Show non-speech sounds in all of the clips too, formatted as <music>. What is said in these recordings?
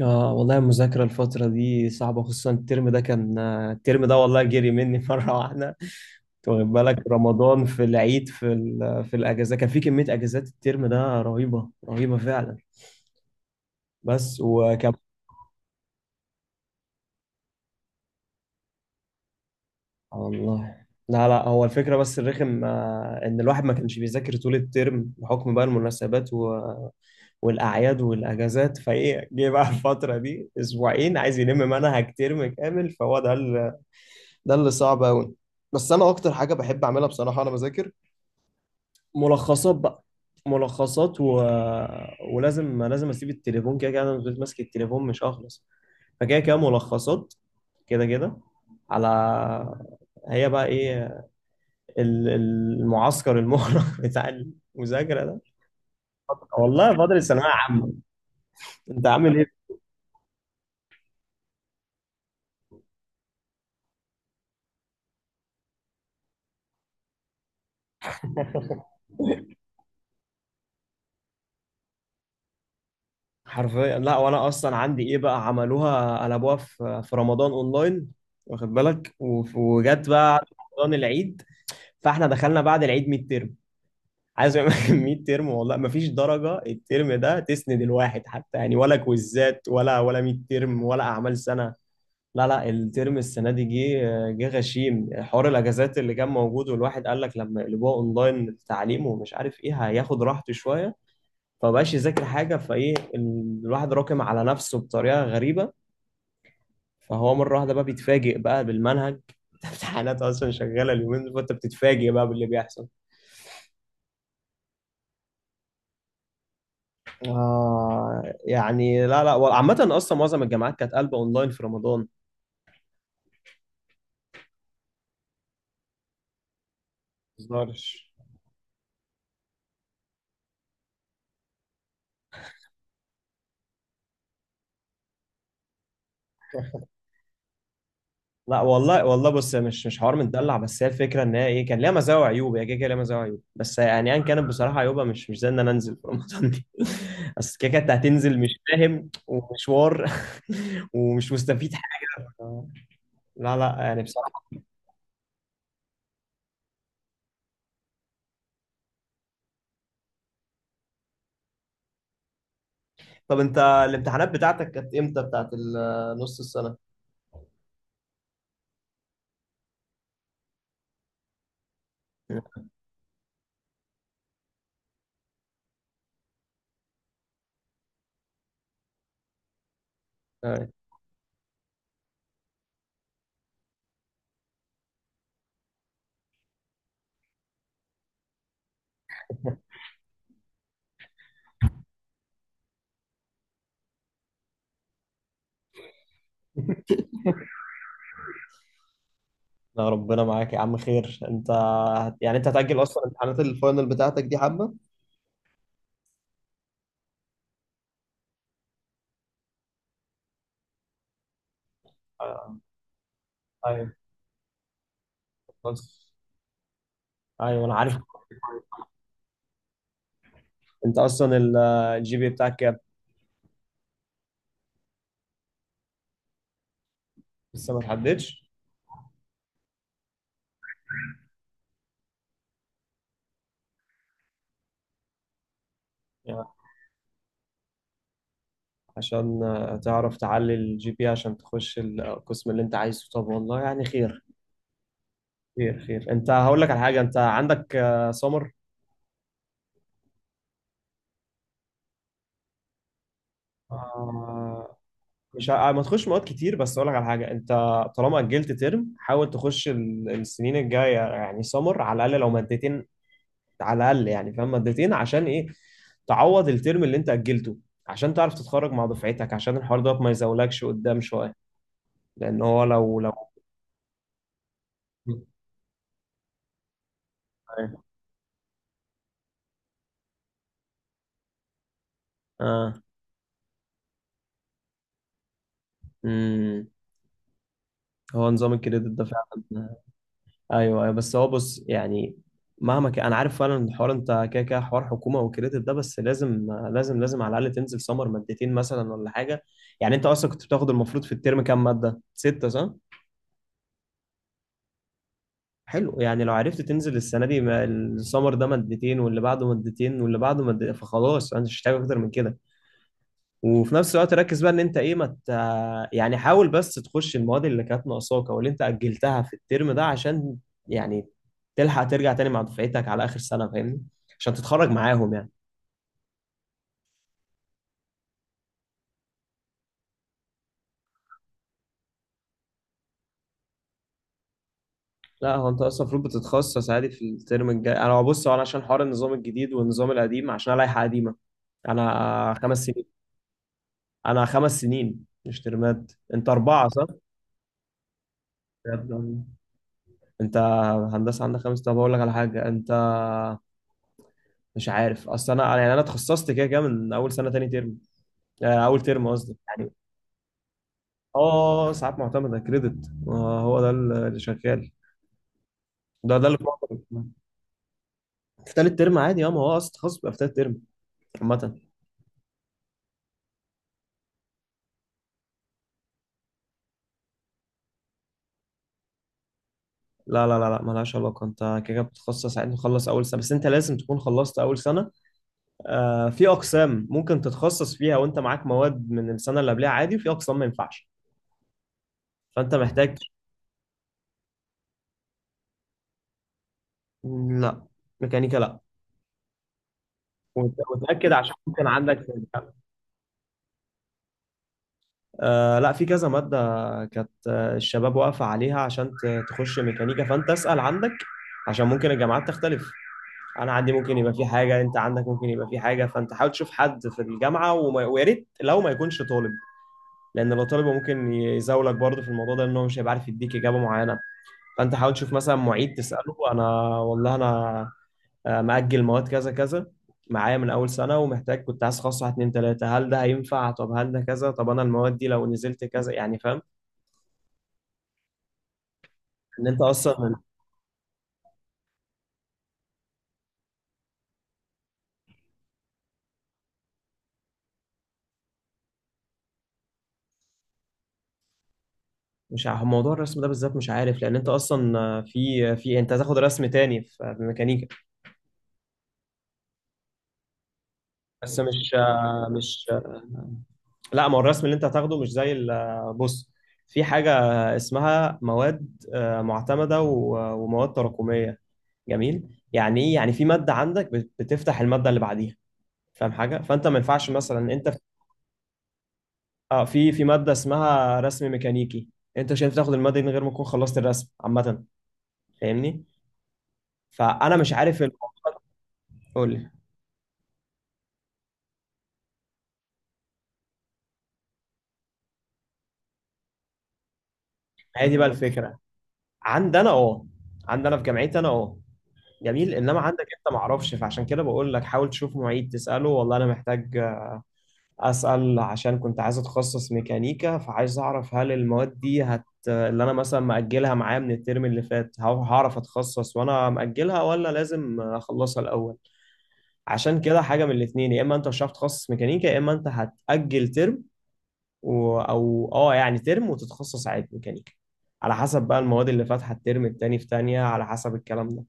اه والله المذاكرة الفترة دي صعبة، خصوصا الترم ده. والله جري مني <laughs> مرة واحدة. انت واخد بالك؟ رمضان، في العيد، في في الأجازة، كان في كمية أجازات الترم ده رهيبة رهيبة فعلا. بس وكم والله، لا لا. هو الفكرة بس الرخم إن الواحد ما كانش بيذاكر طول الترم بحكم بقى المناسبات والأعياد والأجازات. فإيه، جه بقى الفترة دي أسبوعين عايز يلم منهج ترم كامل، فهو ده اللي صعب قوي. بس انا اكتر حاجه بحب اعملها بصراحه وانا بذاكر ملخصات بقى. ملخصات ولازم، لازم اسيب التليفون. كده كده انا لو فضلت ماسك التليفون مش هخلص، فكده كده ملخصات. كده كده على، هي بقى ايه، المعسكر المغلق <laughs> بتاع المذاكره ده. والله فاضل الثانويه عامه. انت عامل ايه؟ حرفيا. لا، وانا اصلا عندي ايه بقى، عملوها قلبوها في رمضان اونلاين، واخد بالك؟ وجت بقى رمضان، العيد، فاحنا دخلنا بعد العيد ميد ترم. عايز اقول لك <laughs> ميد ترم والله ما فيش درجه الترم ده تسند الواحد حتى، يعني ولا كويزات ولا ميد ترم ولا اعمال سنه. لا لا، الترم السنه دي جه غشيم. حوار الاجازات اللي كان موجود، والواحد قال لك لما يقلبوها اونلاين التعليم، ومش عارف ايه، هياخد راحته شويه، فبقاش يذاكر حاجه. فايه، الواحد راكم على نفسه بطريقه غريبه، فهو مره واحده بقى بيتفاجئ بقى بالمنهج. <laughs> امتحانات اصلا شغاله اليومين دول، فانت بتتفاجئ بقى باللي بيحصل. آه يعني، لا لا. عامة أصلا معظم الجامعات كانت قلبة أونلاين في رمضان. متهزرش. لا والله، والله بص، هي مش حوار متدلع، بس هي الفكره ان هي ايه، كان ليها مزايا وعيوب. هي كده كده ليها مزايا وعيوب، بس يعني ايا كانت بصراحه عيوبها مش زي ان انا انزل في رمضان دي. <laughs> بس كده كده أنت هتنزل مش فاهم ومشوار <laughs> ومش مستفيد حاجه. لا لا، يعني بصراحه. طب انت الامتحانات بتاعتك كانت امتى، بتاعت نص السنه؟ لا ربنا معاك يا عم، خير. انت يعني انت هتأجل اصلا امتحانات الفاينل بتاعتك دي حبة؟ آه، ايوه، خلاص، ايوه انا عارف. انت اصلا الجي بي بتاعك كام؟ لسه ما تحددش. يعني عشان آه، تعرف تعلي الجي بي عشان تخش القسم اللي انت عايزه. طب والله يعني خير، خير خير. انت هقول لك على حاجة، انت عندك آه، سمر؟ آه، ما تخش مواد كتير، بس اقول لك على حاجة: انت طالما أجلت ترم، حاول تخش السنين الجاية يعني سمر، على الأقل لو مادتين، على الاقل، يعني فاهم، مادتين، عشان ايه؟ تعوض الترم اللي انت اجلته، عشان تعرف تتخرج مع دفعتك، عشان الحوار ده ما يزولكش قدام شويه، لان هو لو <laughs> اه. امم. هو نظام الكريدت ده فعلا. ايوه، أيوة. بس هو بص، يعني مهما كان انا عارف فعلا الحوار، انت كده كده حوار حكومه وكريدت ده، بس لازم، لازم على الاقل تنزل سمر مادتين مثلا ولا حاجه. يعني انت اصلا كنت بتاخد المفروض في الترم كام ماده، سته صح؟ حلو. يعني لو عرفت تنزل السنه دي السمر ده مادتين، واللي بعده مادتين، واللي بعده مادتين، فخلاص انا مش محتاج اكتر من كده. وفي نفس الوقت ركز بقى ان انت ايه، ما مت... يعني حاول بس تخش المواد اللي كانت ناقصاك او اللي انت اجلتها في الترم ده، عشان يعني تلحق ترجع تاني مع دفعتك على اخر سنه، فاهمني؟ عشان تتخرج معاهم يعني. لا هو انت اصلا المفروض بتتخصص عادي في الترم الجاي. انا بص، هو انا عشان حوار النظام الجديد والنظام القديم، عشان انا لائحه قديمه، انا خمس سنين. انا خمس سنين مش ترمات. انت اربعه صح؟ بجد؟ انت هندسه عندك خمس؟ طب اقول لك على حاجه، انت مش عارف اصل انا يعني انا اتخصصت كده كده من اول سنه تاني ترم، آه، اول ترم قصدي يعني. اه، ساعات معتمده كريدت، هو ده اللي شغال، ده اللي في مصر. في تالت ترم عادي، اه، ما هو اصلا التخصص بيبقى في تالت ترم عامة. لا مالهاش علاقة، انت كده كده بتتخصص عادي، تخلص أول سنة، بس انت لازم تكون خلصت أول سنة. آه، في أقسام ممكن تتخصص فيها وانت معاك مواد من السنة اللي قبلها عادي، وفي أقسام ما ينفعش، فانت محتاج. لا، ميكانيكا لا. وتأكد عشان ممكن عندك في الجامعة. آه لا، في كذا مادة كانت آه، الشباب واقفة عليها عشان تخش ميكانيكا، فأنت اسأل عندك، عشان ممكن الجامعات تختلف. أنا عندي ممكن يبقى في حاجة، أنت عندك ممكن يبقى في حاجة، فأنت حاول تشوف حد في الجامعة، ويا ريت لو ما يكونش طالب، لأن لو طالب هو ممكن يزاولك برضه في الموضوع ده، لأن هو مش هيبقى عارف يديك إجابة معينة. فأنت حاول تشوف مثلا معيد تسأله، أنا والله أنا آه، مأجل مواد كذا كذا معايا من أول سنة، ومحتاج، كنت عايز أخصص واحد اتنين تلاتة، هل ده هينفع؟ طب هل ده كذا؟ طب أنا المواد دي لو نزلت كذا، يعني فاهم، إن أنت أصلا، مش عارف موضوع الرسم ده بالذات مش عارف، لأن أنت أصلا آه، في أنت هتاخد رسم تاني في ميكانيكا، بس مش آه، مش آه، لا، ما هو الرسم اللي أنت هتاخده مش زي آه، بص، في حاجة اسمها مواد آه، معتمدة ومواد تراكمية. جميل. يعني إيه؟ يعني في مادة عندك بتفتح المادة اللي بعديها، فاهم حاجه، فانت ما ينفعش مثلا انت في، اه، في ماده اسمها رسم ميكانيكي، انت مش هينفع تاخد الماده دي من غير ما تكون خلصت الرسم عامه، فاهمني؟ فانا مش عارف قول لي. هي دي بقى الفكره. عندنا اه، عندنا في جامعتي انا اه، جميل، انما عندك انت ما اعرفش، فعشان كده بقول لك حاول تشوف معيد تساله، والله انا محتاج اسال، عشان كنت عايز اتخصص ميكانيكا، فعايز اعرف هل المواد دي هت، اللي انا مثلا مأجلها معايا من الترم اللي فات، هعرف اتخصص وانا مأجلها، ولا لازم اخلصها الاول؟ عشان كده حاجه من الاثنين، يا اما انت مش هتعرف تتخصص ميكانيكا، يا اما انت هتأجل ترم او اه يعني ترم، وتتخصص عادي ميكانيكا، على حسب بقى المواد اللي فاتحه الترم التاني في تانية، على حسب الكلام ده.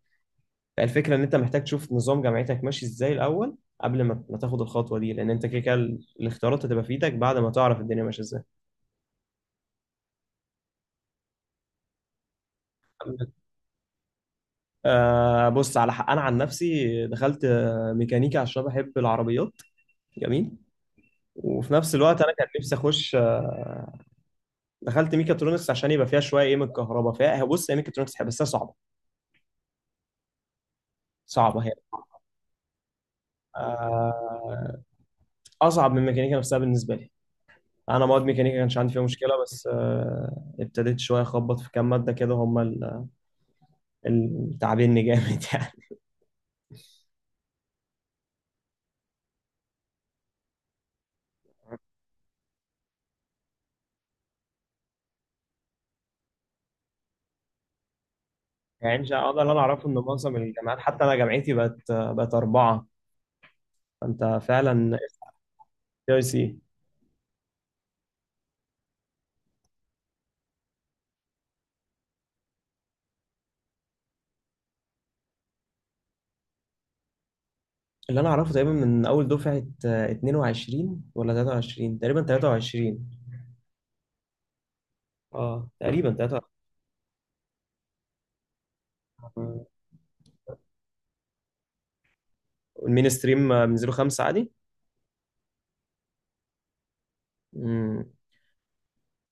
فالفكره ان انت محتاج تشوف نظام جامعتك ماشي ازاي الاول قبل ما تاخد الخطوه دي، لان انت كده كده الاختيارات هتبقى في ايدك بعد ما تعرف الدنيا ماشيه ازاي. آه بص، على حق. انا عن نفسي دخلت آه، ميكانيكا عشان بحب العربيات، جميل، وفي نفس الوقت انا كان نفسي اخش، دخلت ميكاترونكس عشان يبقى فيها شويه ايه، من الكهرباء فيها. بص، هي ميكاترونكس حلوة، بس هي صعبه. صعبه هي آه، اصعب من ميكانيكا نفسها بالنسبه لي. انا مواد ميكانيكا كانش عندي فيها مشكله، بس آه، ابتديت شويه اخبط في كام ماده كده، هم تعبني جامد <laughs> يعني. يعني مش هقدر. اللي انا اعرفه ان معظم الجامعات، حتى انا جامعتي بقت اربعه، فانت فعلا. اي سي. اللي انا اعرفه تقريبا من اول دفعه آه، 22 ولا 23 تقريبا، 23، اه تقريبا 23. المين ستريم من 5 عادي. مم.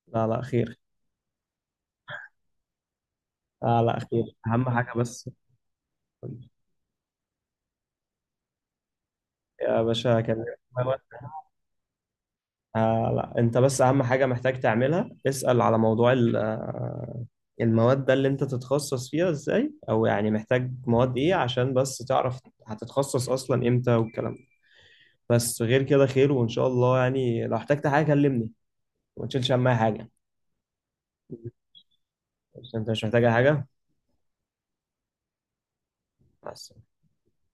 لا لا، خير. لا لا، خير، اهم حاجه. بس يا باشا كلمني. آه لا، انت بس اهم حاجه محتاج تعملها، اسال على موضوع آه، المواد ده، اللي انت تتخصص فيها ازاي، او يعني محتاج مواد ايه، عشان بس تعرف هتتخصص اصلا امتى، والكلام ده. بس غير كده خير، وان شاء الله يعني لو احتجت حاجه كلمني، وما تشيلش هم أي حاجه. بس انت مش محتاج أي حاجه؟ بس.